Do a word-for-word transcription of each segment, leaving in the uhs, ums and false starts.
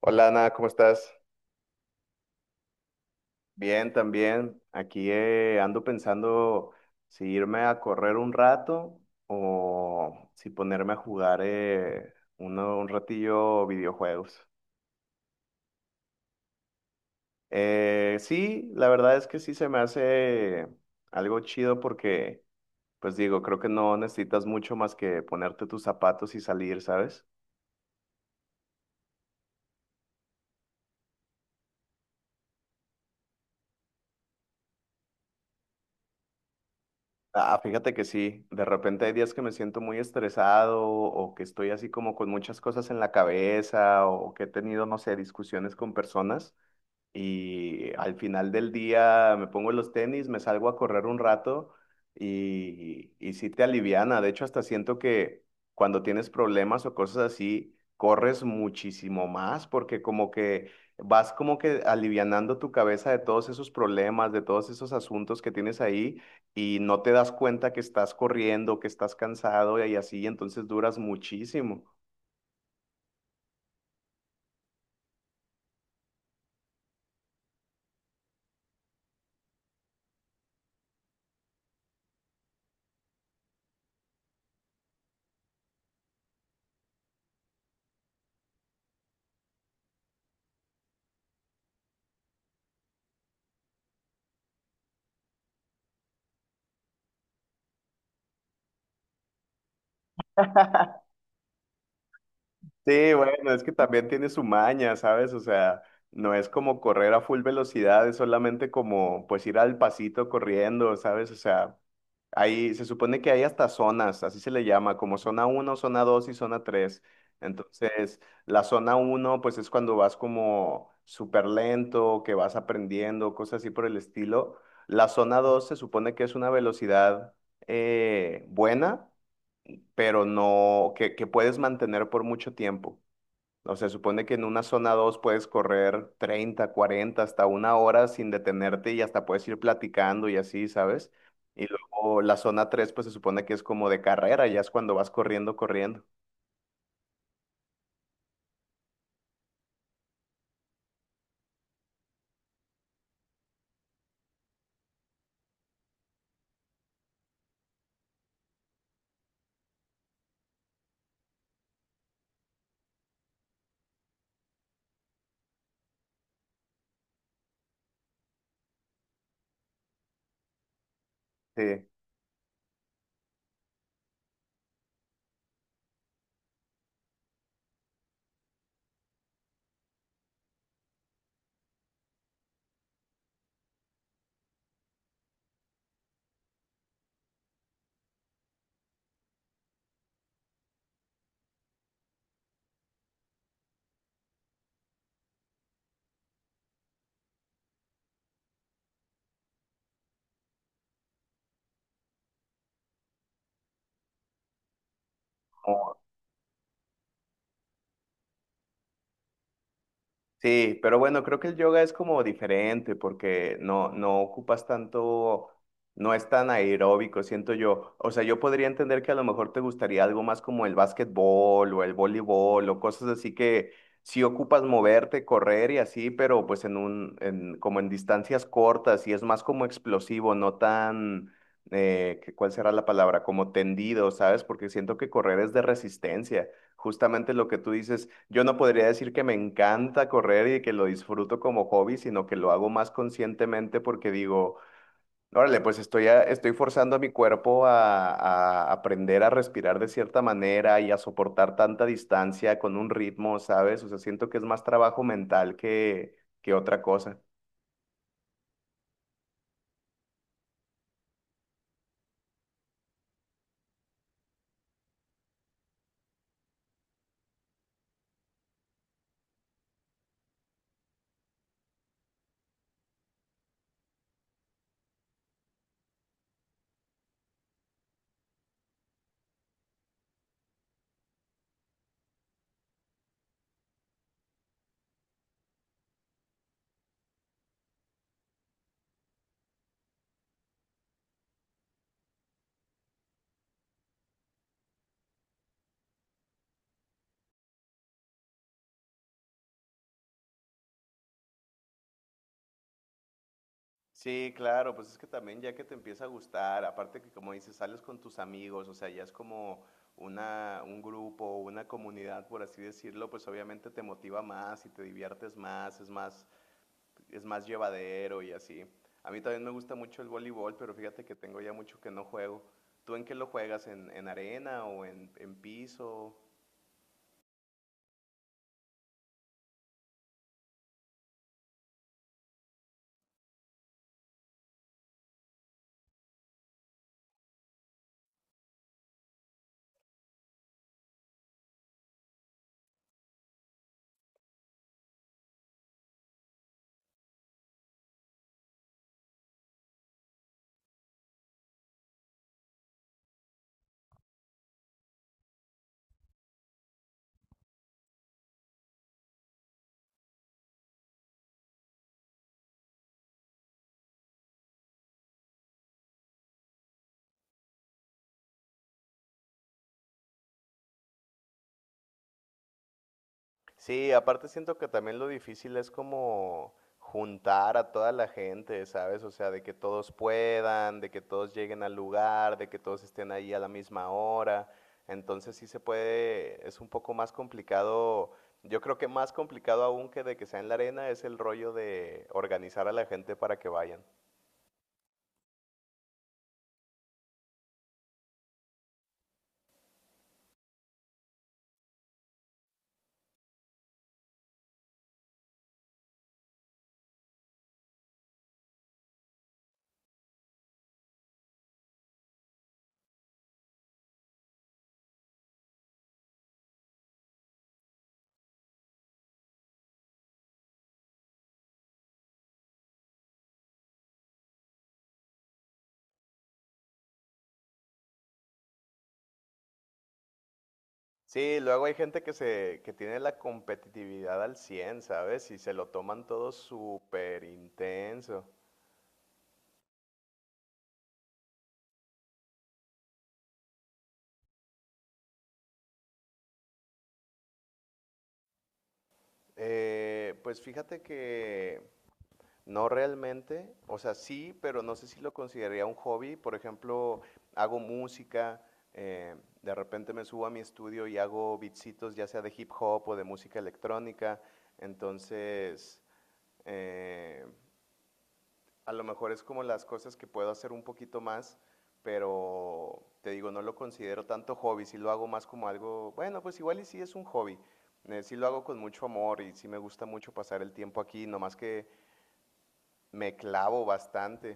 Hola Ana, ¿cómo estás? Bien, también. Aquí eh, ando pensando si irme a correr un rato o si ponerme a jugar eh, uno- un ratillo videojuegos. Eh, sí, la verdad es que sí se me hace algo chido porque, pues digo, creo que no necesitas mucho más que ponerte tus zapatos y salir, ¿sabes? Ah, fíjate que sí, de repente hay días que me siento muy estresado o que estoy así como con muchas cosas en la cabeza o que he tenido, no sé, discusiones con personas y al final del día me pongo los tenis, me salgo a correr un rato y, y sí te aliviana. De hecho, hasta siento que cuando tienes problemas o cosas así, corres muchísimo más porque como que vas como que alivianando tu cabeza de todos esos problemas, de todos esos asuntos que tienes ahí y no te das cuenta que estás corriendo, que estás cansado y así, entonces duras muchísimo. Sí, bueno, es que también tiene su maña, ¿sabes? O sea, no es como correr a full velocidad, es solamente como pues ir al pasito corriendo, ¿sabes? O sea, ahí se supone que hay hasta zonas, así se le llama, como zona uno, zona dos y zona tres. Entonces, la zona uno, pues es cuando vas como súper lento, que vas aprendiendo, cosas así por el estilo. La zona dos se supone que es una velocidad eh, buena, pero no, que, que puedes mantener por mucho tiempo. O sea, supone que en una zona dos puedes correr treinta cuarenta hasta una hora sin detenerte y hasta puedes ir platicando y así, ¿sabes? Y luego la zona tres pues se supone que es como de carrera, ya es cuando vas corriendo, corriendo. Sí. Sí, pero bueno, creo que el yoga es como diferente porque no, no ocupas tanto, no es tan aeróbico, siento yo. O sea, yo podría entender que a lo mejor te gustaría algo más como el básquetbol o el voleibol o cosas así que sí ocupas moverte, correr y así, pero pues en un, en, como en distancias cortas y es más como explosivo, no tan, eh, ¿qué- ¿cuál será la palabra? Como tendido, ¿sabes? Porque siento que correr es de resistencia. Justamente lo que tú dices, yo no podría decir que me encanta correr y que lo disfruto como hobby, sino que lo hago más conscientemente porque digo, órale, pues estoy, a- estoy forzando a mi cuerpo a, a aprender a respirar de cierta manera y a soportar tanta distancia con un ritmo, ¿sabes? O sea, siento que es más trabajo mental que, que otra cosa. Sí, claro, pues es que también ya que te empieza a gustar, aparte que como dices, sales con tus amigos, o sea, ya es como una, un grupo, una comunidad, por así decirlo, pues obviamente te motiva más y te diviertes más, es más, es más llevadero y así. A mí también me gusta mucho el voleibol, pero fíjate que tengo ya mucho que no juego. ¿Tú en qué lo juegas? ¿En, en arena o en, en piso? Sí, aparte siento que también lo difícil es como juntar a toda la gente, ¿sabes? O sea, de que todos puedan, de que todos lleguen al lugar, de que todos estén ahí a la misma hora. Entonces sí se puede, es un poco más complicado, yo creo que más complicado aún que de que sea en la arena es el rollo de organizar a la gente para que vayan. Sí, luego hay gente que se, que tiene la competitividad al cien, ¿sabes? Y se lo toman todo súper intenso. Eh, pues fíjate que no realmente, o sea, sí, pero no sé si lo consideraría un hobby. Por ejemplo, hago música, eh, de repente me subo a mi estudio y hago beatsitos, ya sea de hip hop o de música electrónica. Entonces, eh, a lo mejor es como las cosas que puedo hacer un poquito más, pero te digo, no lo considero tanto hobby, si lo hago más como algo, bueno, pues igual y sí es un hobby, eh, sí lo hago con mucho amor y sí me gusta mucho pasar el tiempo aquí, nomás que me clavo bastante.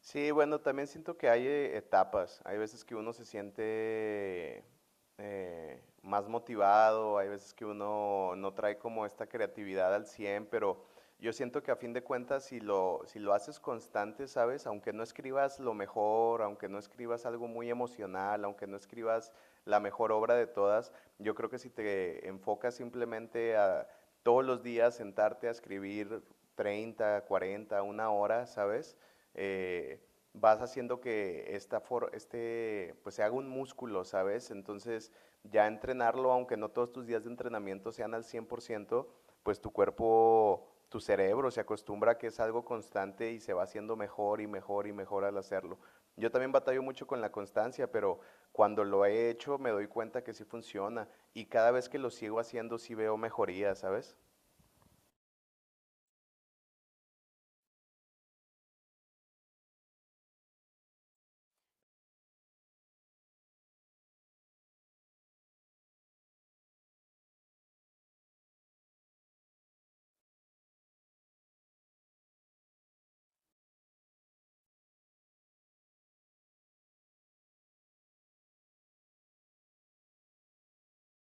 Sí, bueno, también siento que hay eh, etapas. Hay veces que uno se siente eh, más motivado, hay veces que uno no trae como esta creatividad al cien. Pero yo siento que a fin de cuentas, si lo, si lo haces constante, ¿sabes? Aunque no escribas lo mejor, aunque no escribas algo muy emocional, aunque no escribas la mejor obra de todas, yo creo que si te enfocas simplemente a todos los días sentarte a escribir treinta, cuarenta, una hora, ¿sabes? eh, vas haciendo que esta for- este, pues se haga un músculo, ¿sabes? Entonces, ya entrenarlo, aunque no todos tus días de entrenamiento sean al cien por ciento pues tu cuerpo, tu cerebro se acostumbra a que es algo constante y se va haciendo mejor y mejor y mejor al hacerlo. Yo también batallo mucho con la constancia, pero cuando lo he hecho me doy cuenta que sí funciona y cada vez que lo sigo haciendo sí veo mejoría, ¿sabes?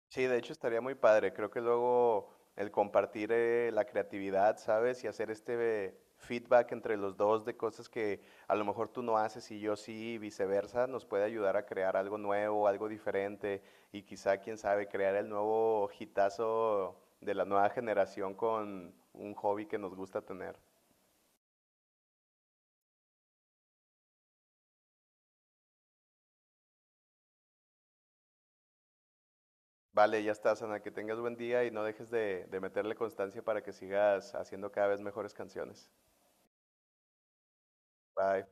Sí, de hecho estaría muy padre. Creo que luego el compartir eh, la creatividad, ¿sabes? Y hacer este feedback entre los dos de cosas que a lo mejor tú no haces y yo sí, y viceversa, nos puede ayudar a crear algo nuevo, algo diferente y quizá, quién sabe, crear el nuevo hitazo de la nueva generación con un hobby que nos gusta tener. Vale, ya estás, Ana, que tengas buen día y no dejes de, de meterle constancia para que sigas haciendo cada vez mejores canciones. Bye.